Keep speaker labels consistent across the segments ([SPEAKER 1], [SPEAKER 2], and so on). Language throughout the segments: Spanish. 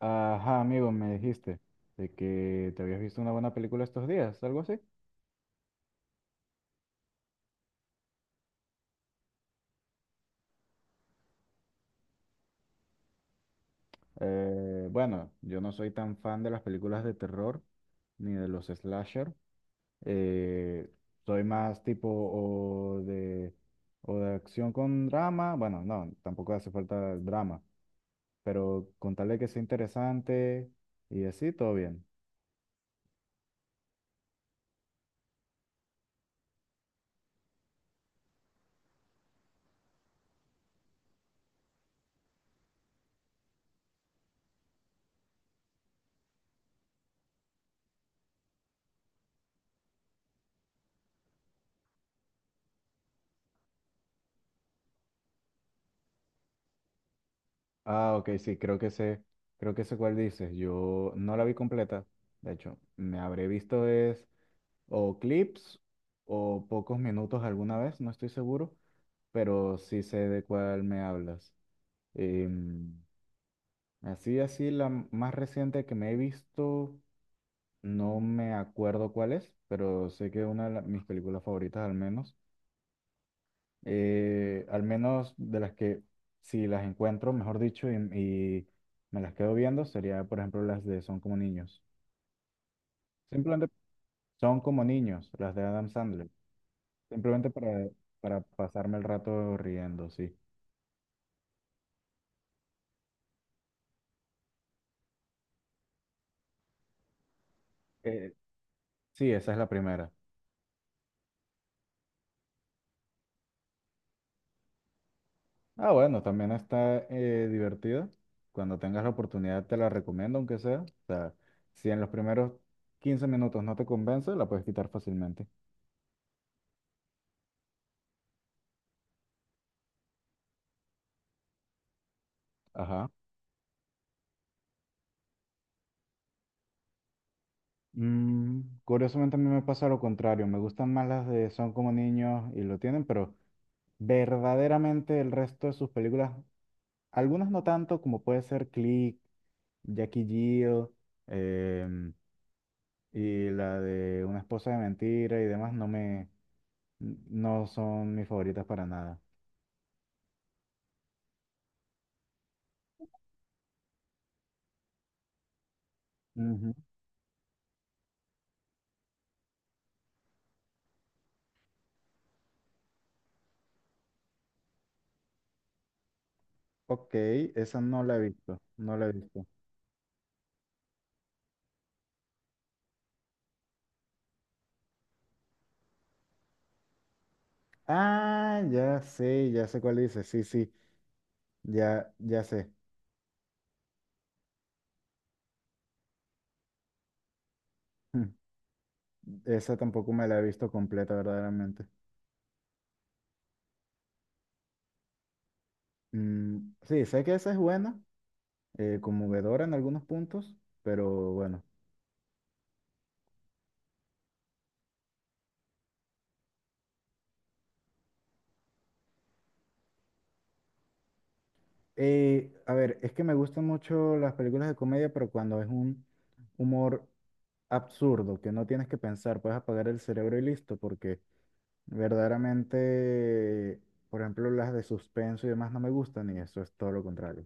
[SPEAKER 1] Ajá, amigo, me dijiste de que te habías visto una buena película estos días, algo así. Bueno, yo no soy tan fan de las películas de terror ni de los slasher. Eh, Soy más tipo o de acción con drama. Bueno, no, tampoco hace falta drama, pero con tal de que sea interesante y así, todo bien. Ah, ok, sí, creo que sé cuál dices. Yo no la vi completa, de hecho, me habré visto es o clips o pocos minutos alguna vez, no estoy seguro, pero sí sé de cuál me hablas. Em, Así, así, más reciente que me he visto, no me acuerdo cuál es, pero sé que una de mis películas favoritas al menos de las que si las encuentro, mejor dicho, y me las quedo viendo, sería por ejemplo las de Son como niños. Simplemente son como niños, las de Adam Sandler. Simplemente para pasarme el rato riendo, sí. Eh, sí, esa es la primera. Ah, bueno, también está divertida. Cuando tengas la oportunidad te la recomiendo, aunque sea. O sea, si en los primeros 15 minutos no te convence, la puedes quitar fácilmente. Ajá. Curiosamente a mí me pasa lo contrario. Me gustan más las de Son como niños y lo tienen, pero verdaderamente el resto de sus películas, algunas no tanto como puede ser Click, Jackie Jill, em, y la de Una esposa de mentira y demás no son mis favoritas para nada. Ujú. Ok, esa no la he visto, no la he visto. Ah, ya sé cuál dice, sí, sí, ya, ya sé. Mm, Esa tampoco me la he visto completa verdaderamente. Mm, sí, sé que esa es buena, conmovedora en algunos puntos, pero bueno. A ver, es que me gustan mucho las películas de comedia, pero cuando es un humor absurdo, que no tienes que pensar, puedes apagar el cerebro y listo, porque verdaderamente, por ejemplo, las de suspenso y demás no me gustan y eso es todo lo contrario.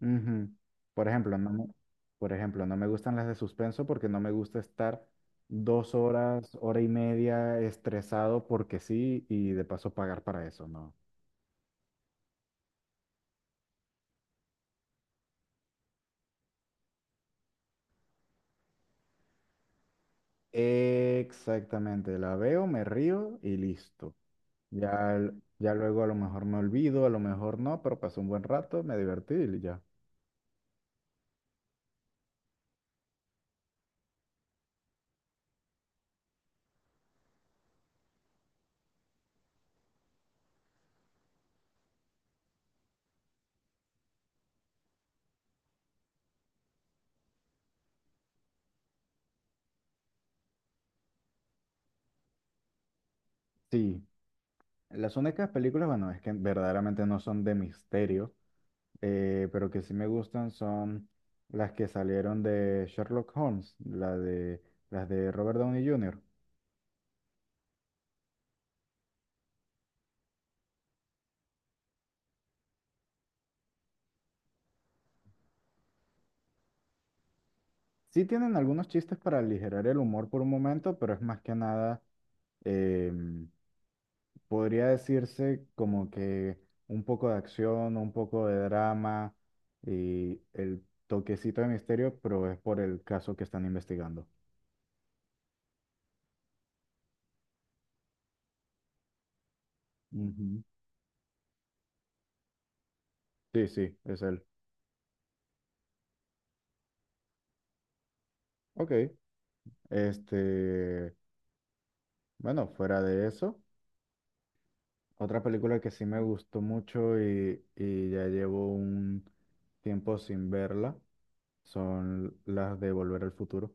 [SPEAKER 1] Ujú. Por ejemplo, no me, por ejemplo, no me gustan las de suspenso porque no me gusta estar 2 horas, hora y media estresado porque sí y de paso pagar para eso, ¿no? Exactamente, la veo, me río y listo. Ya, l- ya luego a lo mejor me olvido, a lo mejor no, pero pasé un buen rato, me divertí y ya. Sí, las únicas películas, bueno, es que verdaderamente no son de misterio, pero que sí me gustan son las que salieron de Sherlock Holmes, las de Robert Downey Jr. Sí tienen algunos chistes para aligerar el humor por un momento, pero es más que nada em, podría decirse como que un poco de acción, un poco de drama y el toquecito de misterio, pero es por el caso que están investigando. Ujú. Sí, sí, es él. Ok, este, bueno, fuera de eso, otra película que sí me gustó mucho y ya llevo un tiempo sin verla son las de Volver al Futuro.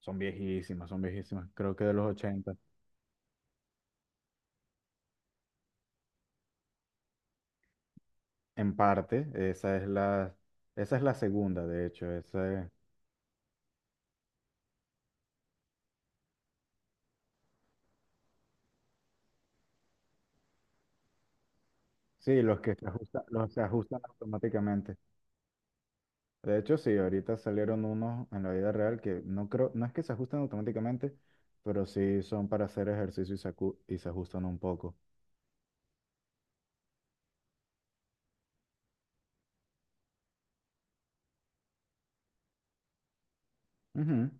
[SPEAKER 1] Son viejísimas, creo que de los ochenta. En parte, esa es la segunda, de hecho. Sí, los se ajustan automáticamente. De hecho, sí, ahorita salieron unos en la vida real que no creo, no es que se ajusten automáticamente, pero sí son para hacer ejercicio y se ajustan un poco. Ujú.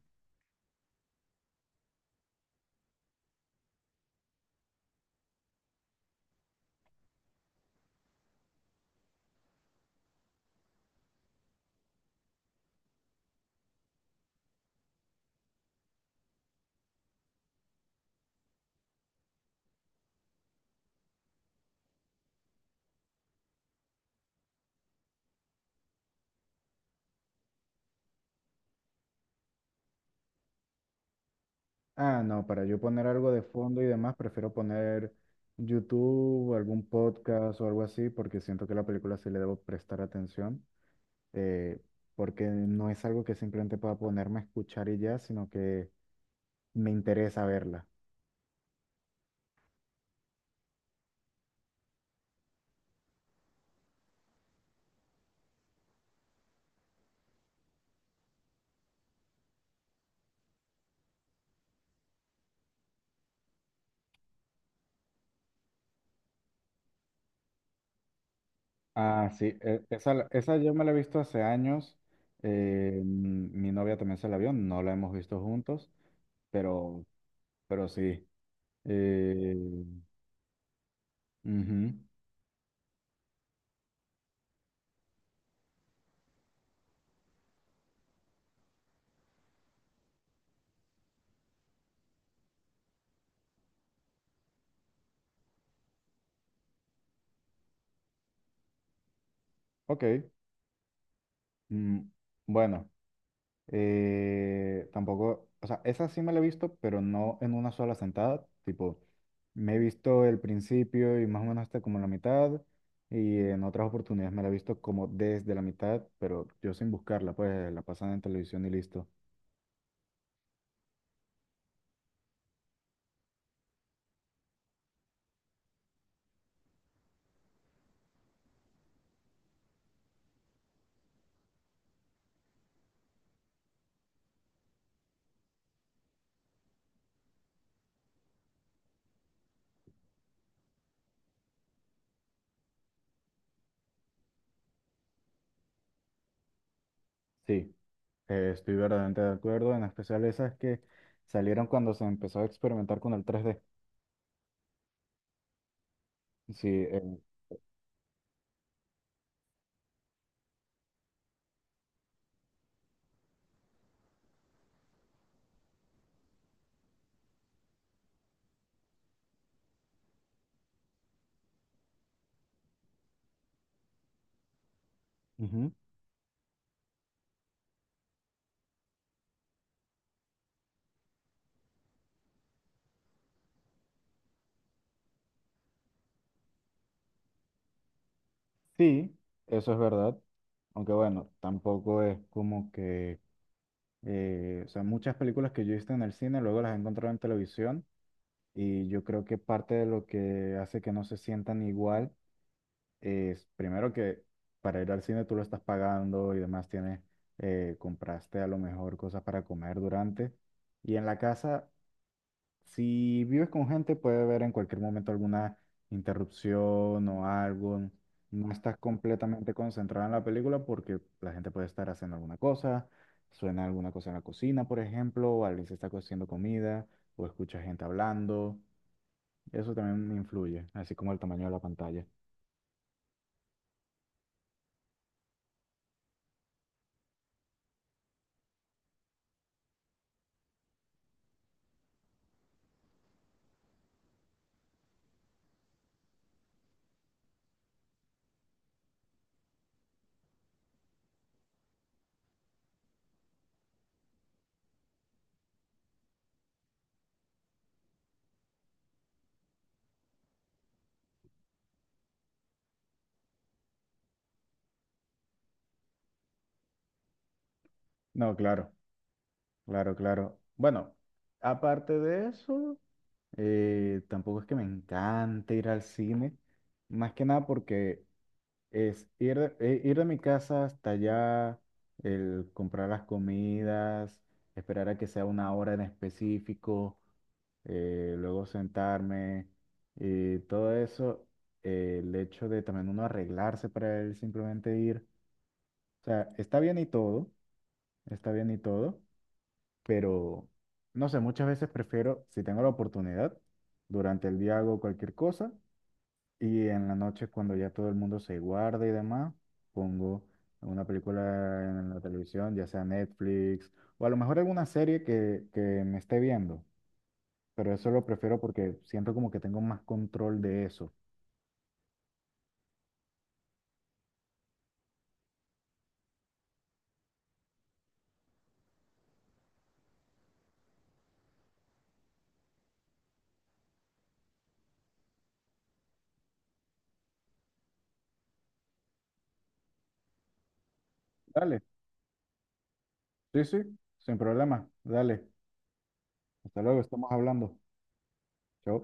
[SPEAKER 1] Ah, no, para yo poner algo de fondo y demás, prefiero poner YouTube, algún podcast o algo así, porque siento que la película sí le debo prestar atención, eh, porque no es algo que simplemente pueda ponerme a escuchar y ya, sino que me interesa verla. Ah, sí, esa yo me la he visto hace años. Mi novia también se la vio, no la hemos visto juntos, pero, pero sí. eh, Ujú. Ok. mm, bueno, eh, tampoco, o sea, esa sí me la he visto, pero no en una sola sentada. Tipo, me he visto el principio y más o menos hasta como la mitad. Y en otras oportunidades me la he visto como desde la mitad, pero yo sin buscarla, pues la pasan en televisión y listo. Sí, estoy verdaderamente de acuerdo, en especial esas que salieron cuando se empezó a experimentar con el 3D. Sí, ujú. Sí, eso es verdad. Aunque bueno, tampoco es como que o sea, muchas películas que yo he visto en el cine, luego las he encontrado en televisión y yo creo que parte de lo que hace que no se sientan igual es, primero que para ir al cine tú lo estás pagando y demás, tienes, compraste a lo mejor cosas para comer durante. Y en la casa si vives con gente, puede haber en cualquier momento alguna interrupción o algo. No estás completamente concentrada en la película porque la gente puede estar haciendo alguna cosa, suena alguna cosa en la cocina, por ejemplo, o alguien se está cociendo comida, o escucha gente hablando. Eso también influye, así como el tamaño de la pantalla. No, claro, claro, claro. Bueno, aparte de eso, tampoco es que me encante ir al cine, más que nada porque es ir ir de mi casa hasta allá, el comprar las comidas, esperar a que sea una hora en específico, luego sentarme y todo eso, el hecho de también uno arreglarse para él simplemente ir. O sea, está bien y todo, está bien y todo, pero no sé, muchas veces prefiero, si tengo la oportunidad, durante el día hago cualquier cosa y en la noche, cuando ya todo el mundo se guarda y demás, pongo una película en la televisión, ya sea Netflix, o a lo mejor alguna serie que me esté viendo. Pero eso lo prefiero porque siento como que tengo más control de eso. Dale, sí, sí, sin problema. Dale, hasta luego, estamos hablando. Chao.